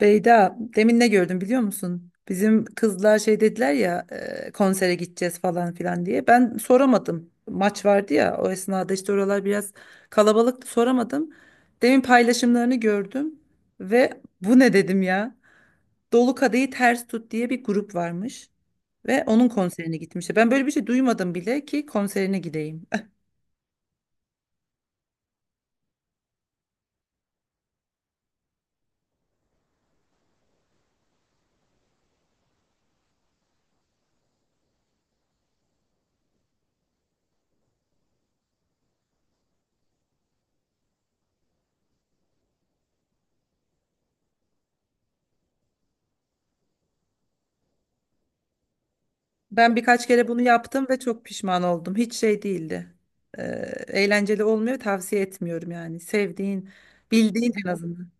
Beyda, demin ne gördüm biliyor musun? Bizim kızlar şey dediler ya konsere gideceğiz falan filan diye. Ben soramadım. Maç vardı ya o esnada işte oralar biraz kalabalıktı soramadım. Demin paylaşımlarını gördüm ve bu ne dedim ya? Dolu Kadehi Ters Tut diye bir grup varmış ve onun konserine gitmişti. Ben böyle bir şey duymadım bile ki konserine gideyim. Ben birkaç kere bunu yaptım ve çok pişman oldum. Hiç şey değildi. Ee, eğlenceli olmuyor, tavsiye etmiyorum yani. Sevdiğin, bildiğin en azından.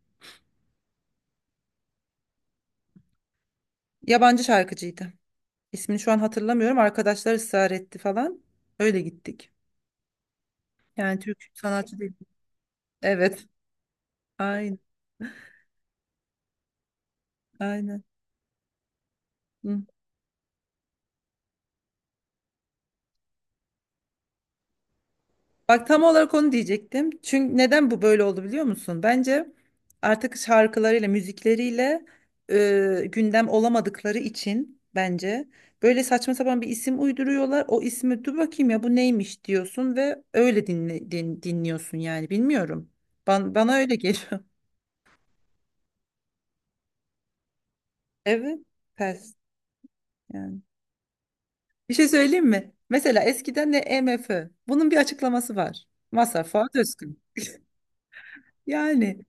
Yabancı şarkıcıydı. İsmini şu an hatırlamıyorum. Arkadaşlar ısrar etti falan. Öyle gittik. Yani Türk sanatçı değil. Evet. Aynen, aynen. Hı. Bak tam olarak onu diyecektim. Çünkü neden bu böyle oldu biliyor musun? Bence artık şarkılarıyla, müzikleriyle gündem olamadıkları için bence böyle saçma sapan bir isim uyduruyorlar. O ismi dur bakayım ya bu neymiş diyorsun ve öyle dinliyorsun yani bilmiyorum. Bana öyle geliyor. Evet, ters yani. Bir şey söyleyeyim mi? Mesela eskiden de EMF. Bunun bir açıklaması var. Mazhar Fuat Özkın. Yani.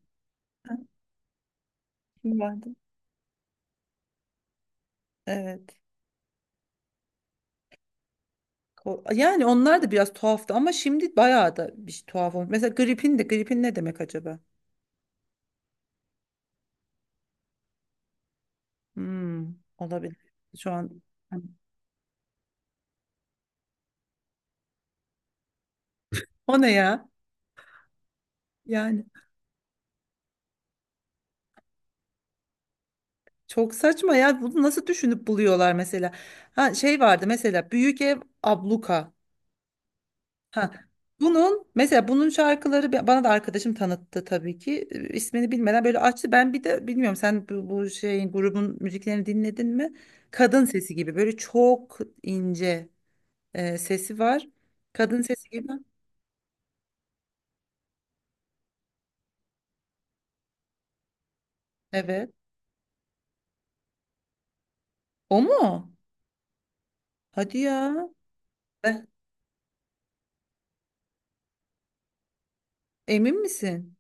Vardı. Evet. Yani onlar da biraz tuhaftı ama şimdi bayağı da bir şey tuhaf olmuş. Mesela gripin de gripin ne demek acaba? Hmm, olabilir. Şu an hani, o ne ya? Yani çok saçma ya. Bunu nasıl düşünüp buluyorlar mesela? Ha şey vardı mesela Büyük Ev Abluka. Ha bunun mesela bunun şarkıları bana da arkadaşım tanıttı tabii ki. İsmini bilmeden böyle açtı. Ben bir de bilmiyorum sen bu şeyin grubun müziklerini dinledin mi? Kadın sesi gibi böyle çok ince. Sesi var. Kadın sesi gibi. Evet. O mu? Hadi ya. Eh, emin misin?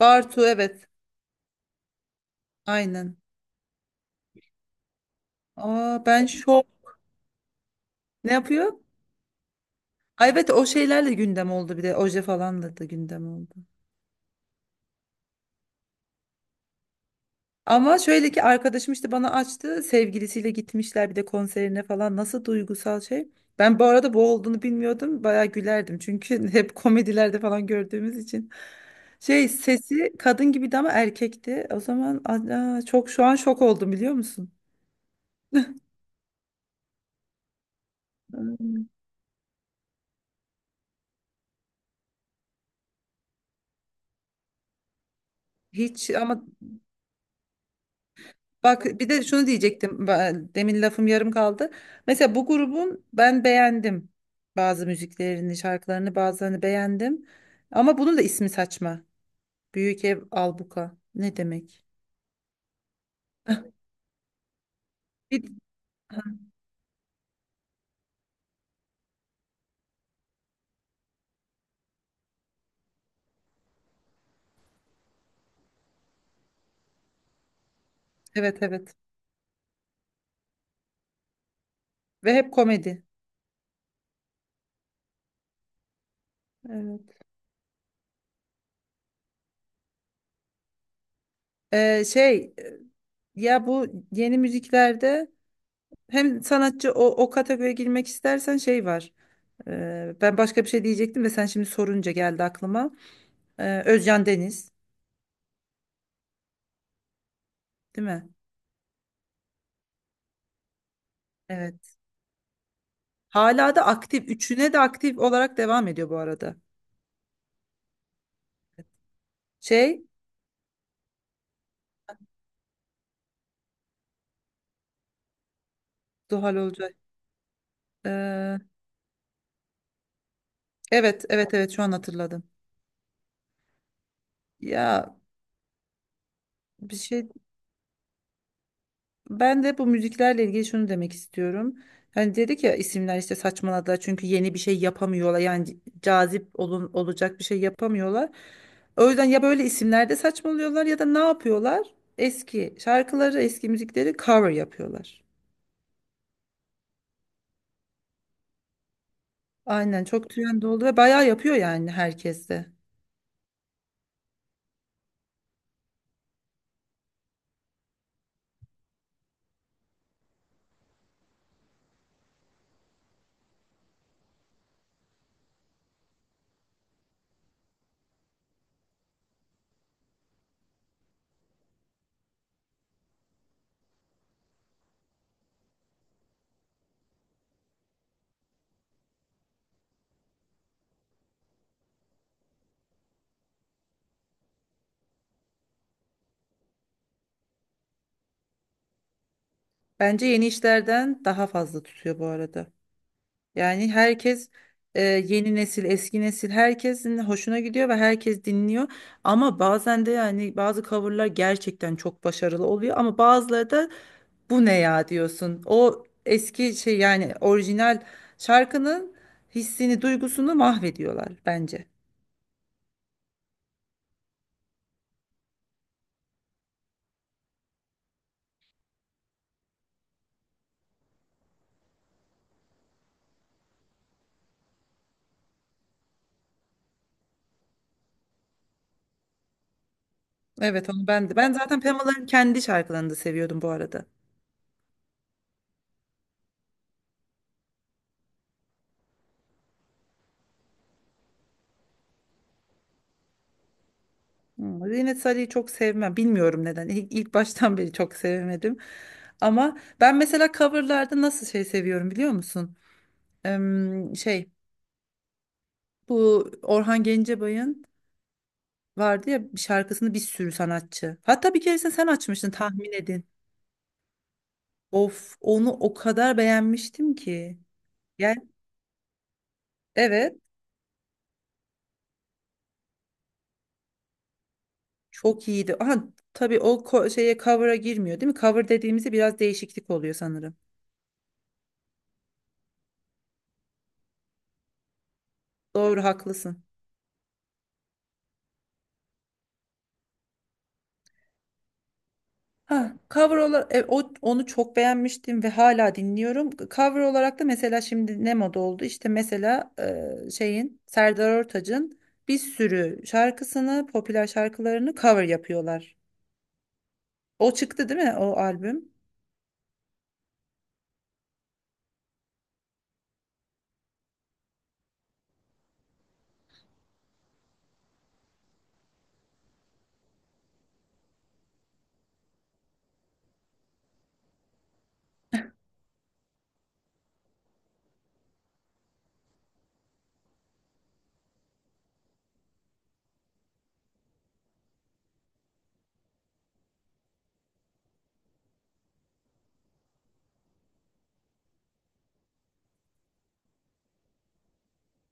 Bartu evet. Aynen. Aa ben şok. Ne yapıyor? Ay, evet o şeylerle gündem oldu bir de. Oje falan da gündem oldu. Ama şöyle ki arkadaşım işte bana açtı. Sevgilisiyle gitmişler bir de konserine falan. Nasıl duygusal şey. Ben bu arada bu olduğunu bilmiyordum. Bayağı gülerdim. Çünkü hep komedilerde falan gördüğümüz için. Şey sesi kadın gibiydi ama erkekti. O zaman aa, çok şu an şok oldum biliyor musun? Hmm. Hiç ama bak bir de şunu diyecektim. Demin lafım yarım kaldı. Mesela bu grubun ben beğendim. Bazı müziklerini, şarkılarını bazılarını beğendim. Ama bunun da ismi saçma. Büyük ev albuka. Ne demek? Bir- Ha, evet evet. Ve hep komedi. Evet. Ee, şey e, ya bu yeni müziklerde hem sanatçı o kategoriye girmek istersen şey var. Ben başka bir şey diyecektim de sen şimdi sorunca geldi aklıma. Özcan Deniz, değil mi? Evet. Hala da aktif. Üçüne de aktif olarak devam ediyor bu arada. Şey, Zuhal Olcay. Ee, evet evet evet şu an hatırladım. Ya bir şey ben de bu müziklerle ilgili şunu demek istiyorum. Hani dedik ya isimler işte saçmaladılar çünkü yeni bir şey yapamıyorlar. Yani olacak bir şey yapamıyorlar. O yüzden ya böyle isimlerde saçmalıyorlar ya da ne yapıyorlar? Eski şarkıları, eski müzikleri cover yapıyorlar. Aynen çok trend oldu ve bayağı yapıyor yani herkes de. Bence yeni işlerden daha fazla tutuyor bu arada. Yani herkes yeni nesil, eski nesil herkesin hoşuna gidiyor ve herkes dinliyor. Ama bazen de yani bazı coverlar gerçekten çok başarılı oluyor ama bazıları da bu ne ya diyorsun. O eski şey yani orijinal şarkının hissini, duygusunu mahvediyorlar bence. Evet onu ben de. Ben zaten Pamela'nın kendi şarkılarını da seviyordum bu arada. Hmm, Zeynet Salih'i çok sevmem. Bilmiyorum neden. İlk baştan beri çok sevemedim. Ama ben mesela coverlarda nasıl şey seviyorum biliyor musun? Em, şey Bu Orhan Gencebay'ın vardı ya bir şarkısını bir sürü sanatçı. Hatta bir keresinde sen açmıştın tahmin edin. Of onu o kadar beğenmiştim ki. Yani evet çok iyiydi. Aha, tabii o şeye cover'a girmiyor değil mi? Cover dediğimizde biraz değişiklik oluyor sanırım. Doğru haklısın. Ha, cover olarak onu çok beğenmiştim ve hala dinliyorum. Cover olarak da mesela şimdi ne moda oldu? İşte mesela şeyin Serdar Ortaç'ın bir sürü şarkısını, popüler şarkılarını cover yapıyorlar. O çıktı değil mi o albüm?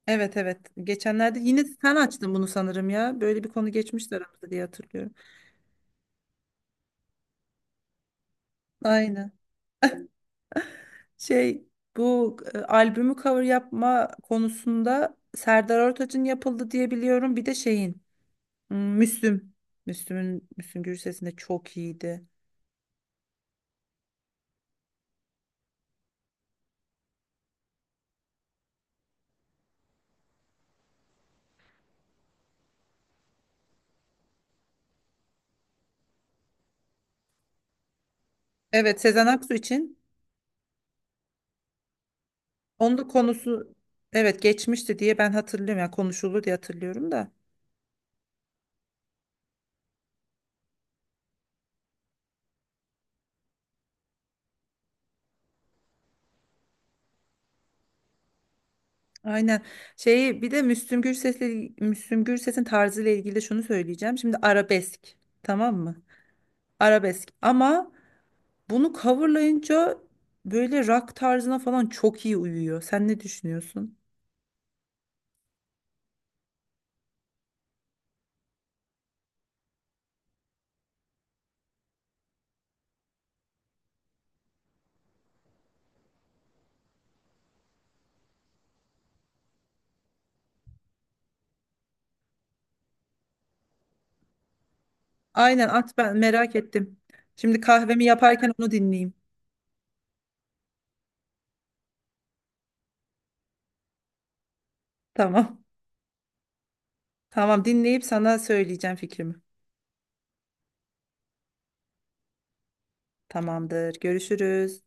Evet evet. Geçenlerde yine sen açtın bunu sanırım ya. Böyle bir konu geçmişti aramızda diye hatırlıyorum. Aynen. Şey bu albümü cover yapma konusunda Serdar Ortaç'ın yapıldı diye biliyorum. Bir de şeyin hmm, Müslüm. Müslüm Gürses'in de çok iyiydi. Evet Sezen Aksu için onun da konusu evet geçmişti diye ben hatırlıyorum. Yani konuşuldu diye hatırlıyorum da. Aynen. Şeyi bir de Müslüm Gürses'in tarzıyla ilgili de şunu söyleyeceğim. Şimdi arabesk. Tamam mı? Arabesk. Ama bunu coverlayınca böyle rock tarzına falan çok iyi uyuyor. Sen ne düşünüyorsun? Aynen at ben merak ettim. Şimdi kahvemi yaparken onu dinleyeyim. Tamam. Tamam dinleyip sana söyleyeceğim fikrimi. Tamamdır. Görüşürüz.